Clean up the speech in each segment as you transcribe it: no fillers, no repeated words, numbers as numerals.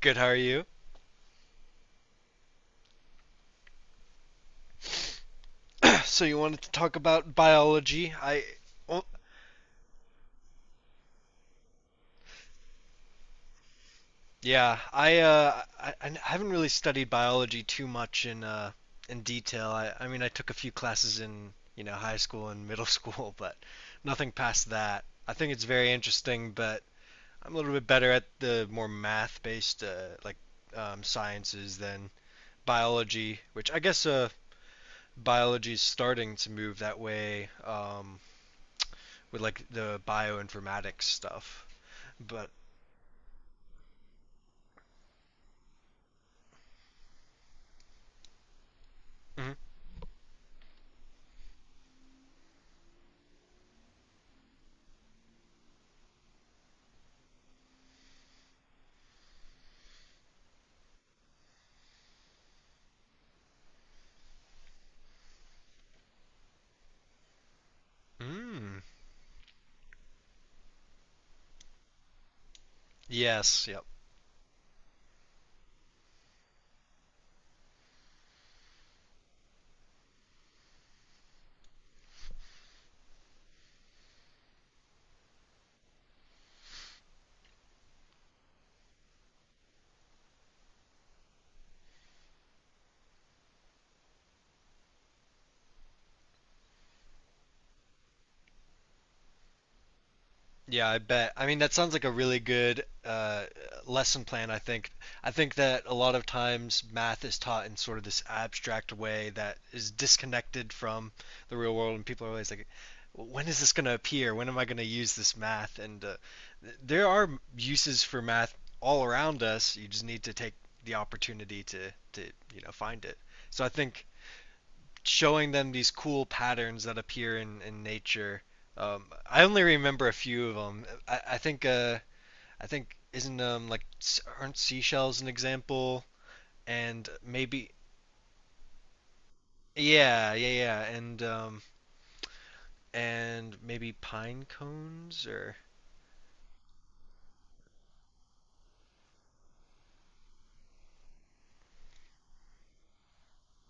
Good, how are you? So you wanted to talk about biology? Oh, yeah, I haven't really studied biology too much in detail. I mean, I took a few classes in, you know, high school and middle school, but nothing past that. I think it's very interesting, but I'm a little bit better at the more math-based, like, sciences than biology, which I guess, biology is starting to move that way. With like the bioinformatics stuff. But mm, mm, yes, yep. Yeah, I bet. I mean, that sounds like a really good lesson plan, I think. I think that a lot of times math is taught in sort of this abstract way that is disconnected from the real world, and people are always like, when is this going to appear? When am I going to use this math? And there are uses for math all around us. You just need to take the opportunity to find it. So I think showing them these cool patterns that appear in nature. I only remember a few of them. I think isn't like aren't seashells an example? And maybe yeah, yeah, yeah, and and maybe pine cones or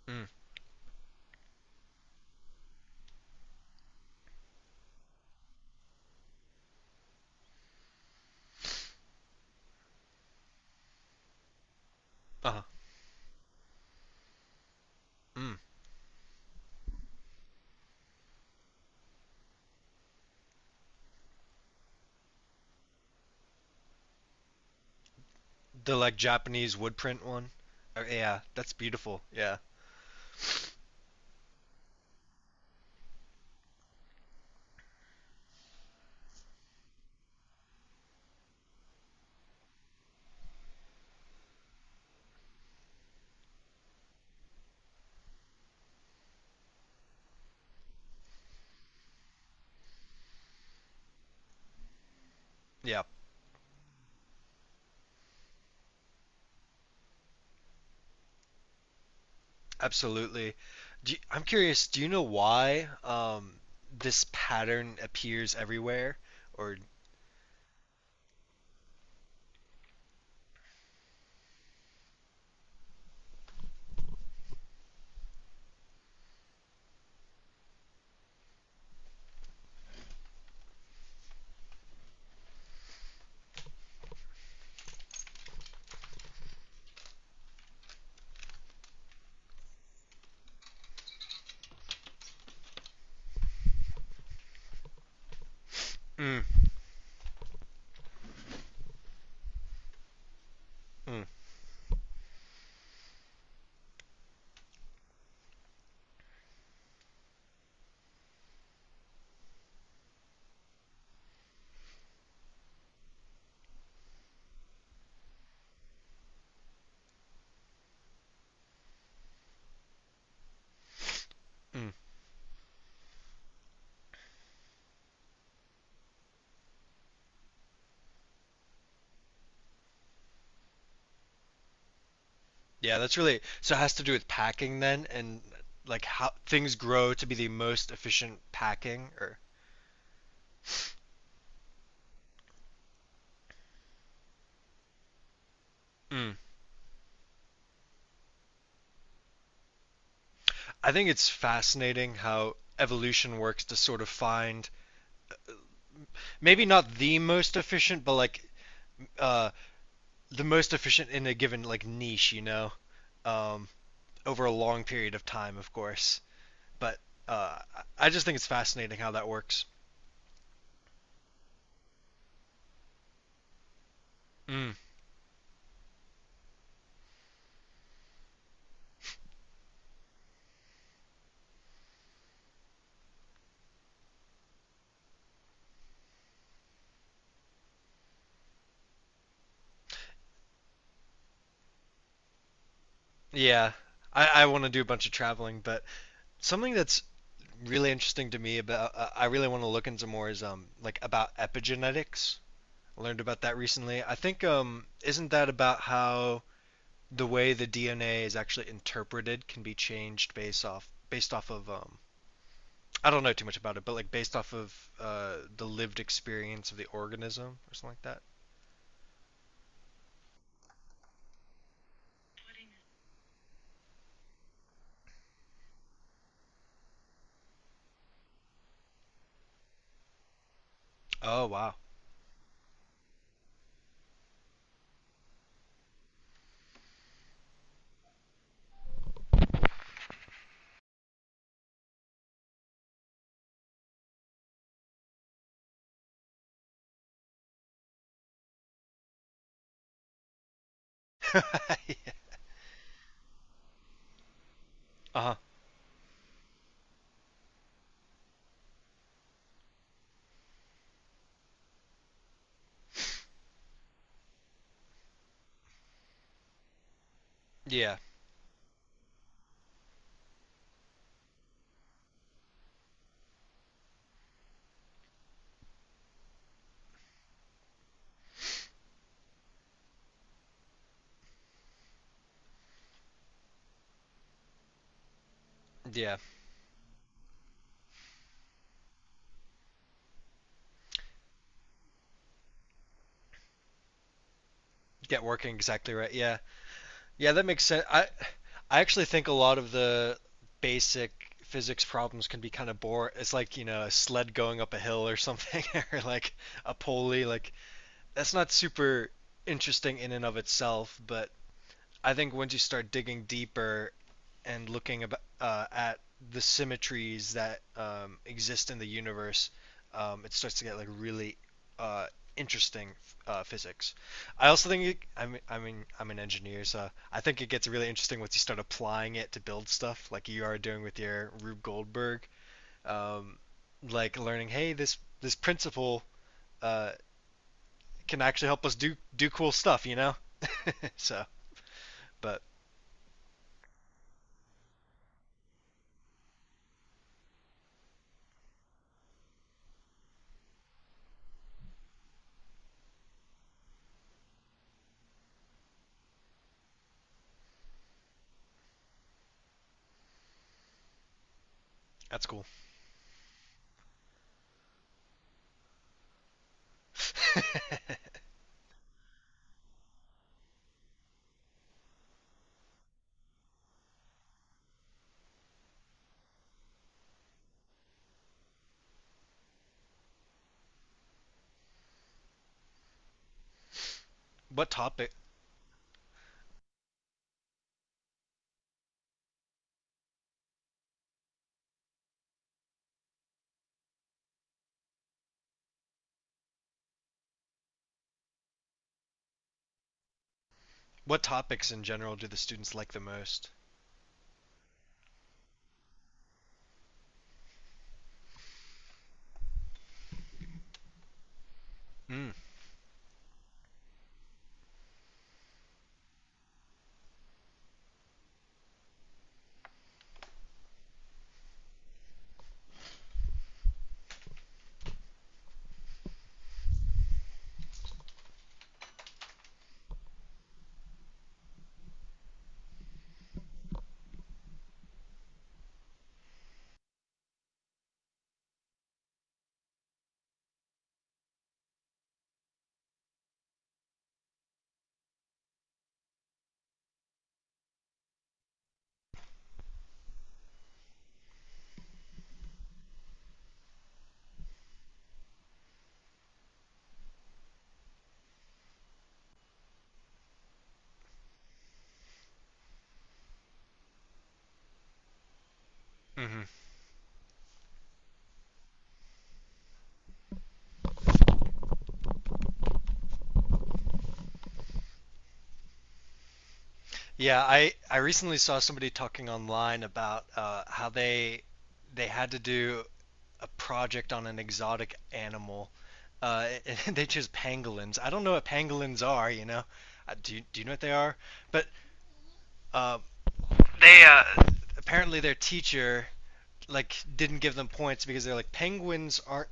mm, uh mm, the like Japanese wood print one. Oh yeah, that's beautiful. Yeah, yeah. Absolutely. I'm curious, do you know why this pattern appears everywhere? Or mm, mm, mm. Yeah, that's really, so it has to do with packing then and like how things grow to be the most efficient packing or mm. I think it's fascinating how evolution works to sort of find maybe not the most efficient, but like uh, the most efficient in a given like niche, you know, um, over a long period of time, of course. But uh, I just think it's fascinating how that works. Mm, yeah, I want to do a bunch of traveling, but something that's really interesting to me about I really want to look into more is like about epigenetics. I learned about that recently. I think isn't that about how the way the DNA is actually interpreted can be changed based off of I don't know too much about it, but like based off of the lived experience of the organism or something like that. Oh wow. uh huh. Yeah. Yeah. Get working exactly right. Yeah, yeah, that makes sense. I actually think a lot of the basic physics problems can be kind of boring. It's like, you know, a sled going up a hill or something, or like a pulley. Like that's not super interesting in and of itself, but I think once you start digging deeper and at the symmetries that exist in the universe, it starts to get like really uh, interesting physics. I also think it, I mean I'm an engineer, so I think it gets really interesting once you start applying it to build stuff, like you are doing with your Rube Goldberg, um, like learning, hey, this principle uh, can actually help us do cool stuff, you know. So, but that's cool. what topic? What topics in general do the students like the most? Mm. hmm Yeah, I recently saw somebody talking online about how they had to do a project on an exotic animal. Uh, and they chose pangolins. I don't know what pangolins are, you know. Do you know what they are? But uh, they apparently their teacher like didn't give them points because they're like penguins aren't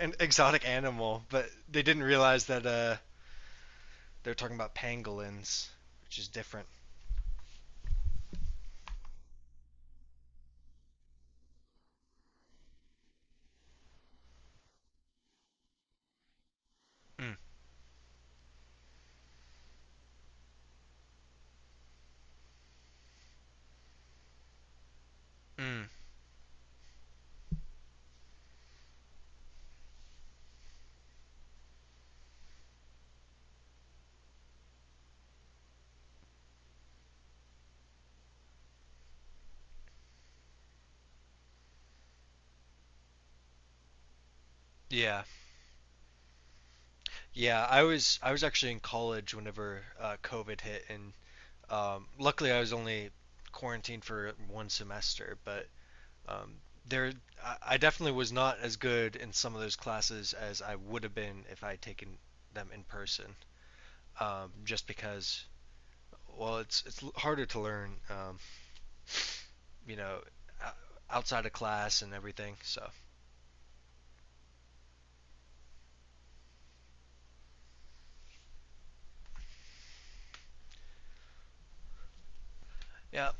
an exotic animal, but they didn't realize that they're talking about pangolins, which is different. Mm, mm, yeah, yeah. I was actually in college whenever COVID hit, and luckily I was only quarantined for one semester. But um, there, I definitely was not as good in some of those classes as I would have been if I had taken them in person. Just because, well, it's harder to learn, you know, outside of class and everything. So yeah,